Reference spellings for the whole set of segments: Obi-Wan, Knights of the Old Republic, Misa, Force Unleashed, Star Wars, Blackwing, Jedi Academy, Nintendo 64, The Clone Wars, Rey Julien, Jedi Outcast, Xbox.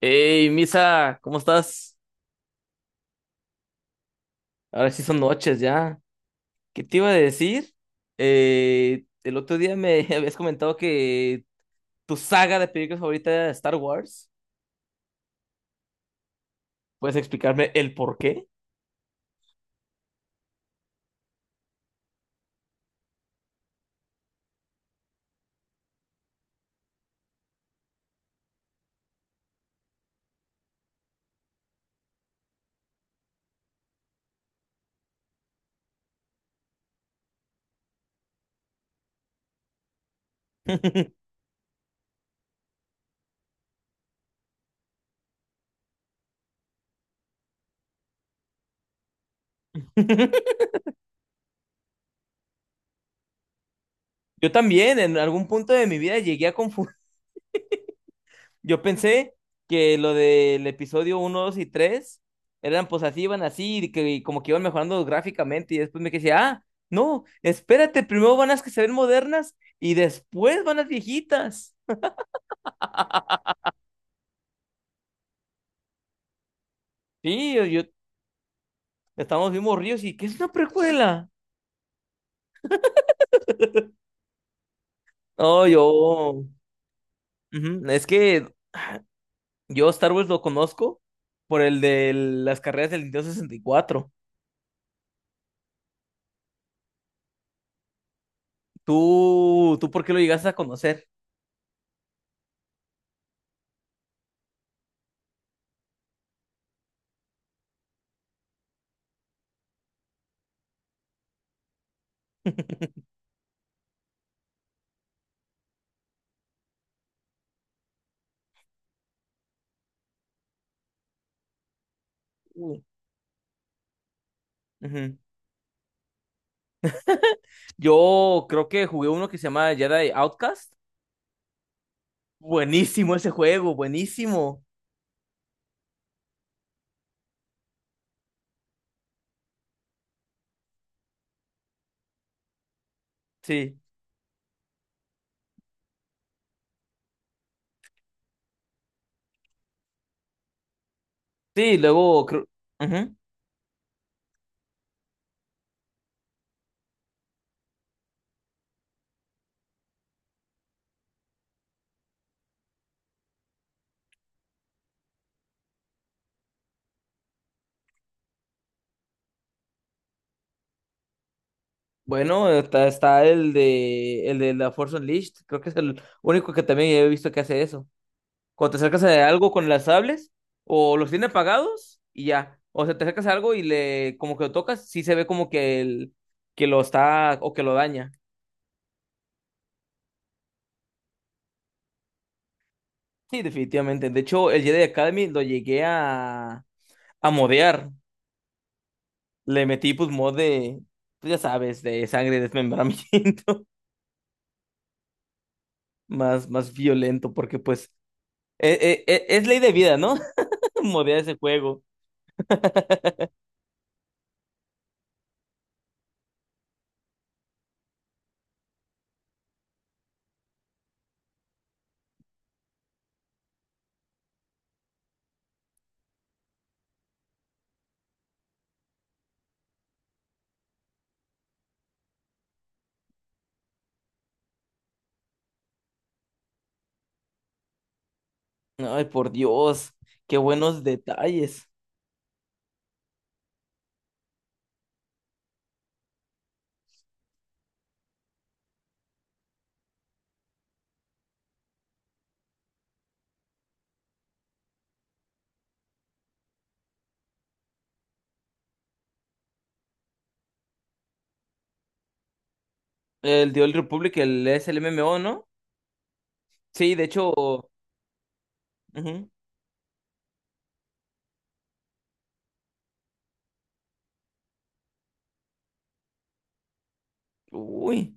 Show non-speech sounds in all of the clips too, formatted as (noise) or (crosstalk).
Hey, Misa, ¿cómo estás? Ahora sí son noches ya. ¿Qué te iba a decir? El otro día me (laughs) habías comentado que tu saga de películas favorita era Star Wars. ¿Puedes explicarme el por qué? (laughs) Yo también, en algún punto de mi vida llegué a confundir. Yo pensé que lo del episodio uno 2 y 3 eran pues así, iban así, y que como que iban mejorando gráficamente, y después me quedé, ah, no, espérate, primero van las que se ven modernas y después van las viejitas. Sí, estamos bien morridos y ¿qué es una precuela? No, yo, ujú, es que yo Star Wars lo conozco por el de las carreras del Nintendo 64. ¿Tú por qué lo llegaste a conocer? Ujú. Yo creo que jugué uno que se llama Jedi Outcast. Buenísimo ese juego, buenísimo. Sí. Sí, luego creo- ujú. Bueno, está el de la Force Unleashed. Creo que es el único que también he visto que hace eso. Cuando te acercas a algo con las sables, o los tiene apagados y ya. O sea, te acercas a algo y le como que lo tocas, sí se ve como que el que lo está o que lo daña. Sí, definitivamente. De hecho, el Jedi Academy lo llegué a modear. Le metí pues mod de, pues, ya sabes, de sangre, desmembramiento, (laughs) más violento, porque pues es ley de vida, ¿no? (laughs) Modear ese juego. Ay, por Dios, qué buenos detalles. El The Old Republic, el es el MMO, ¿no? Sí, de hecho, ujú. Uy,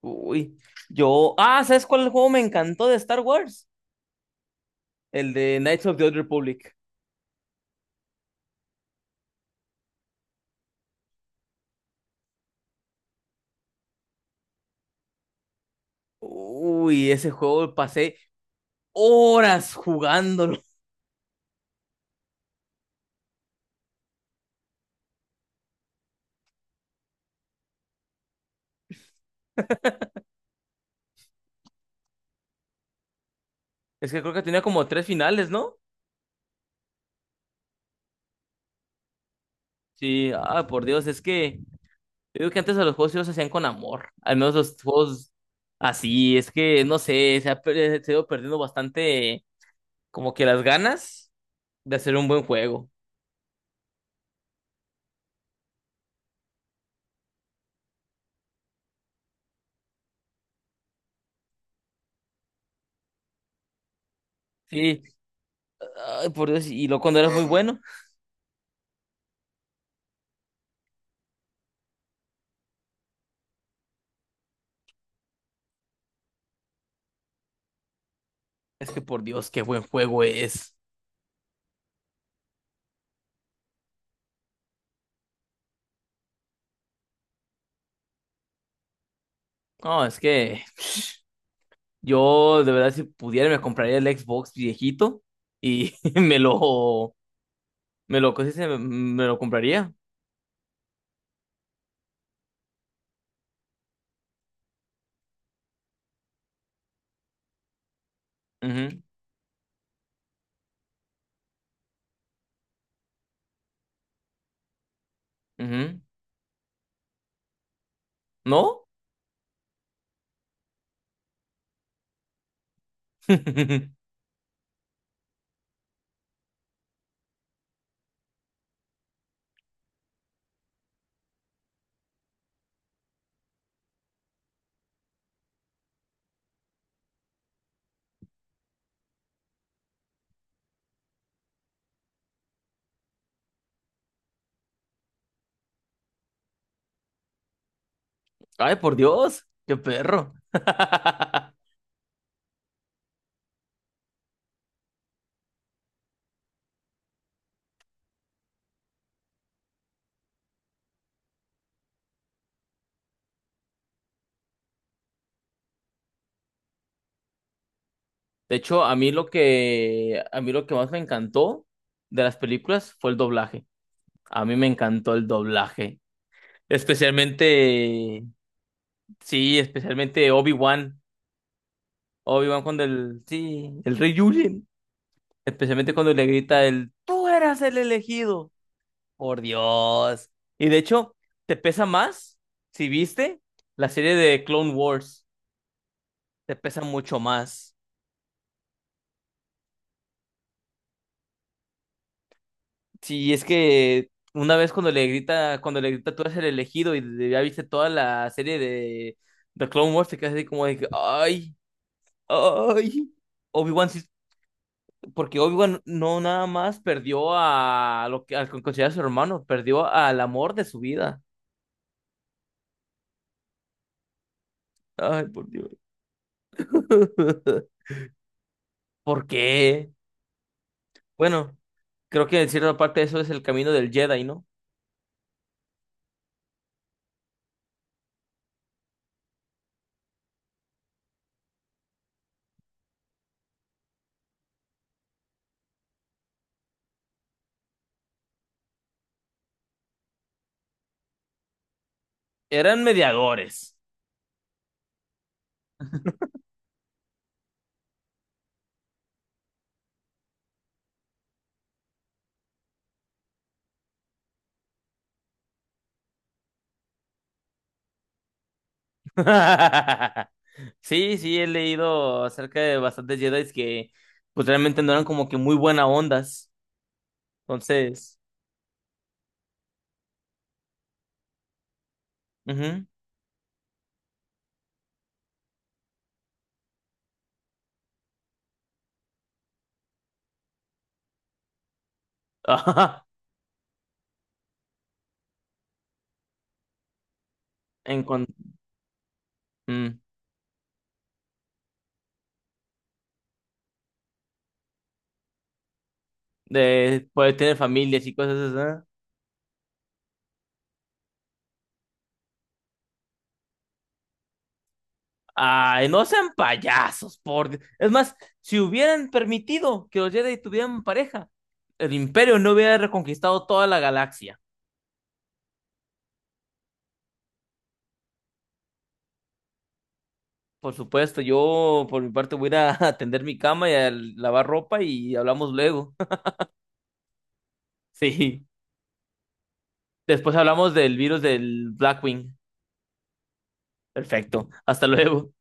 uy. Yo, ah, ¿sabes cuál juego me encantó de Star Wars? El de Knights of the Old Republic. Uy, ese juego pasé horas jugándolo. Es que creo que tenía como tres finales, ¿no? Sí, ah, por Dios, es que yo digo que antes a los juegos sí los hacían con amor, al menos los juegos así, es que no sé, se ha ido perdiendo bastante como que las ganas de hacer un buen juego. Sí, ay, por Dios, y luego cuando era muy bueno, es que por Dios, qué buen juego es. No, es que yo de verdad si pudiera me compraría el Xbox viejito y (laughs) me lo, ¿cómo se dice? Me lo compraría. Ujú, ujú. ¿No? (laughs) Ay, por Dios, qué perro. (laughs) De hecho, a mí lo que más me encantó de las películas fue el doblaje. A mí me encantó el doblaje. Especialmente, sí, especialmente Obi-Wan. Obi-Wan cuando el, sí, el Rey Julien. Especialmente cuando le grita el, tú eras el elegido. Por Dios. Y de hecho, te pesa más, si viste, la serie de Clone Wars. Te pesa mucho más. Sí, es que una vez cuando le grita tú eres el elegido y ya viste toda la serie de The Clone Wars, te quedas así como de que, ay, ay, Obi-Wan, sí- porque Obi-Wan no nada más perdió a lo que al que considera su hermano, perdió al amor de su vida. Ay, por Dios. (laughs) ¿Por qué? Bueno, creo que en cierta parte eso es el camino del Jedi, ¿no? Eran mediadores. (laughs) Sí, sí, he leído acerca de bastantes Jedi que pues realmente no eran como que muy buena ondas. Entonces, ujú. (laughs) Ajá. En con- mm. De, poder tener familias y cosas así. ¿Eh? Ay, no sean payasos, por Dios. Es más, si hubieran permitido que los Jedi tuvieran pareja, el Imperio no hubiera reconquistado toda la galaxia. Por supuesto, yo por mi parte voy a (laughs) ir a atender mi cama y a lavar ropa y hablamos luego. (laughs) Sí. Después hablamos del virus del Blackwing. Perfecto. Hasta luego.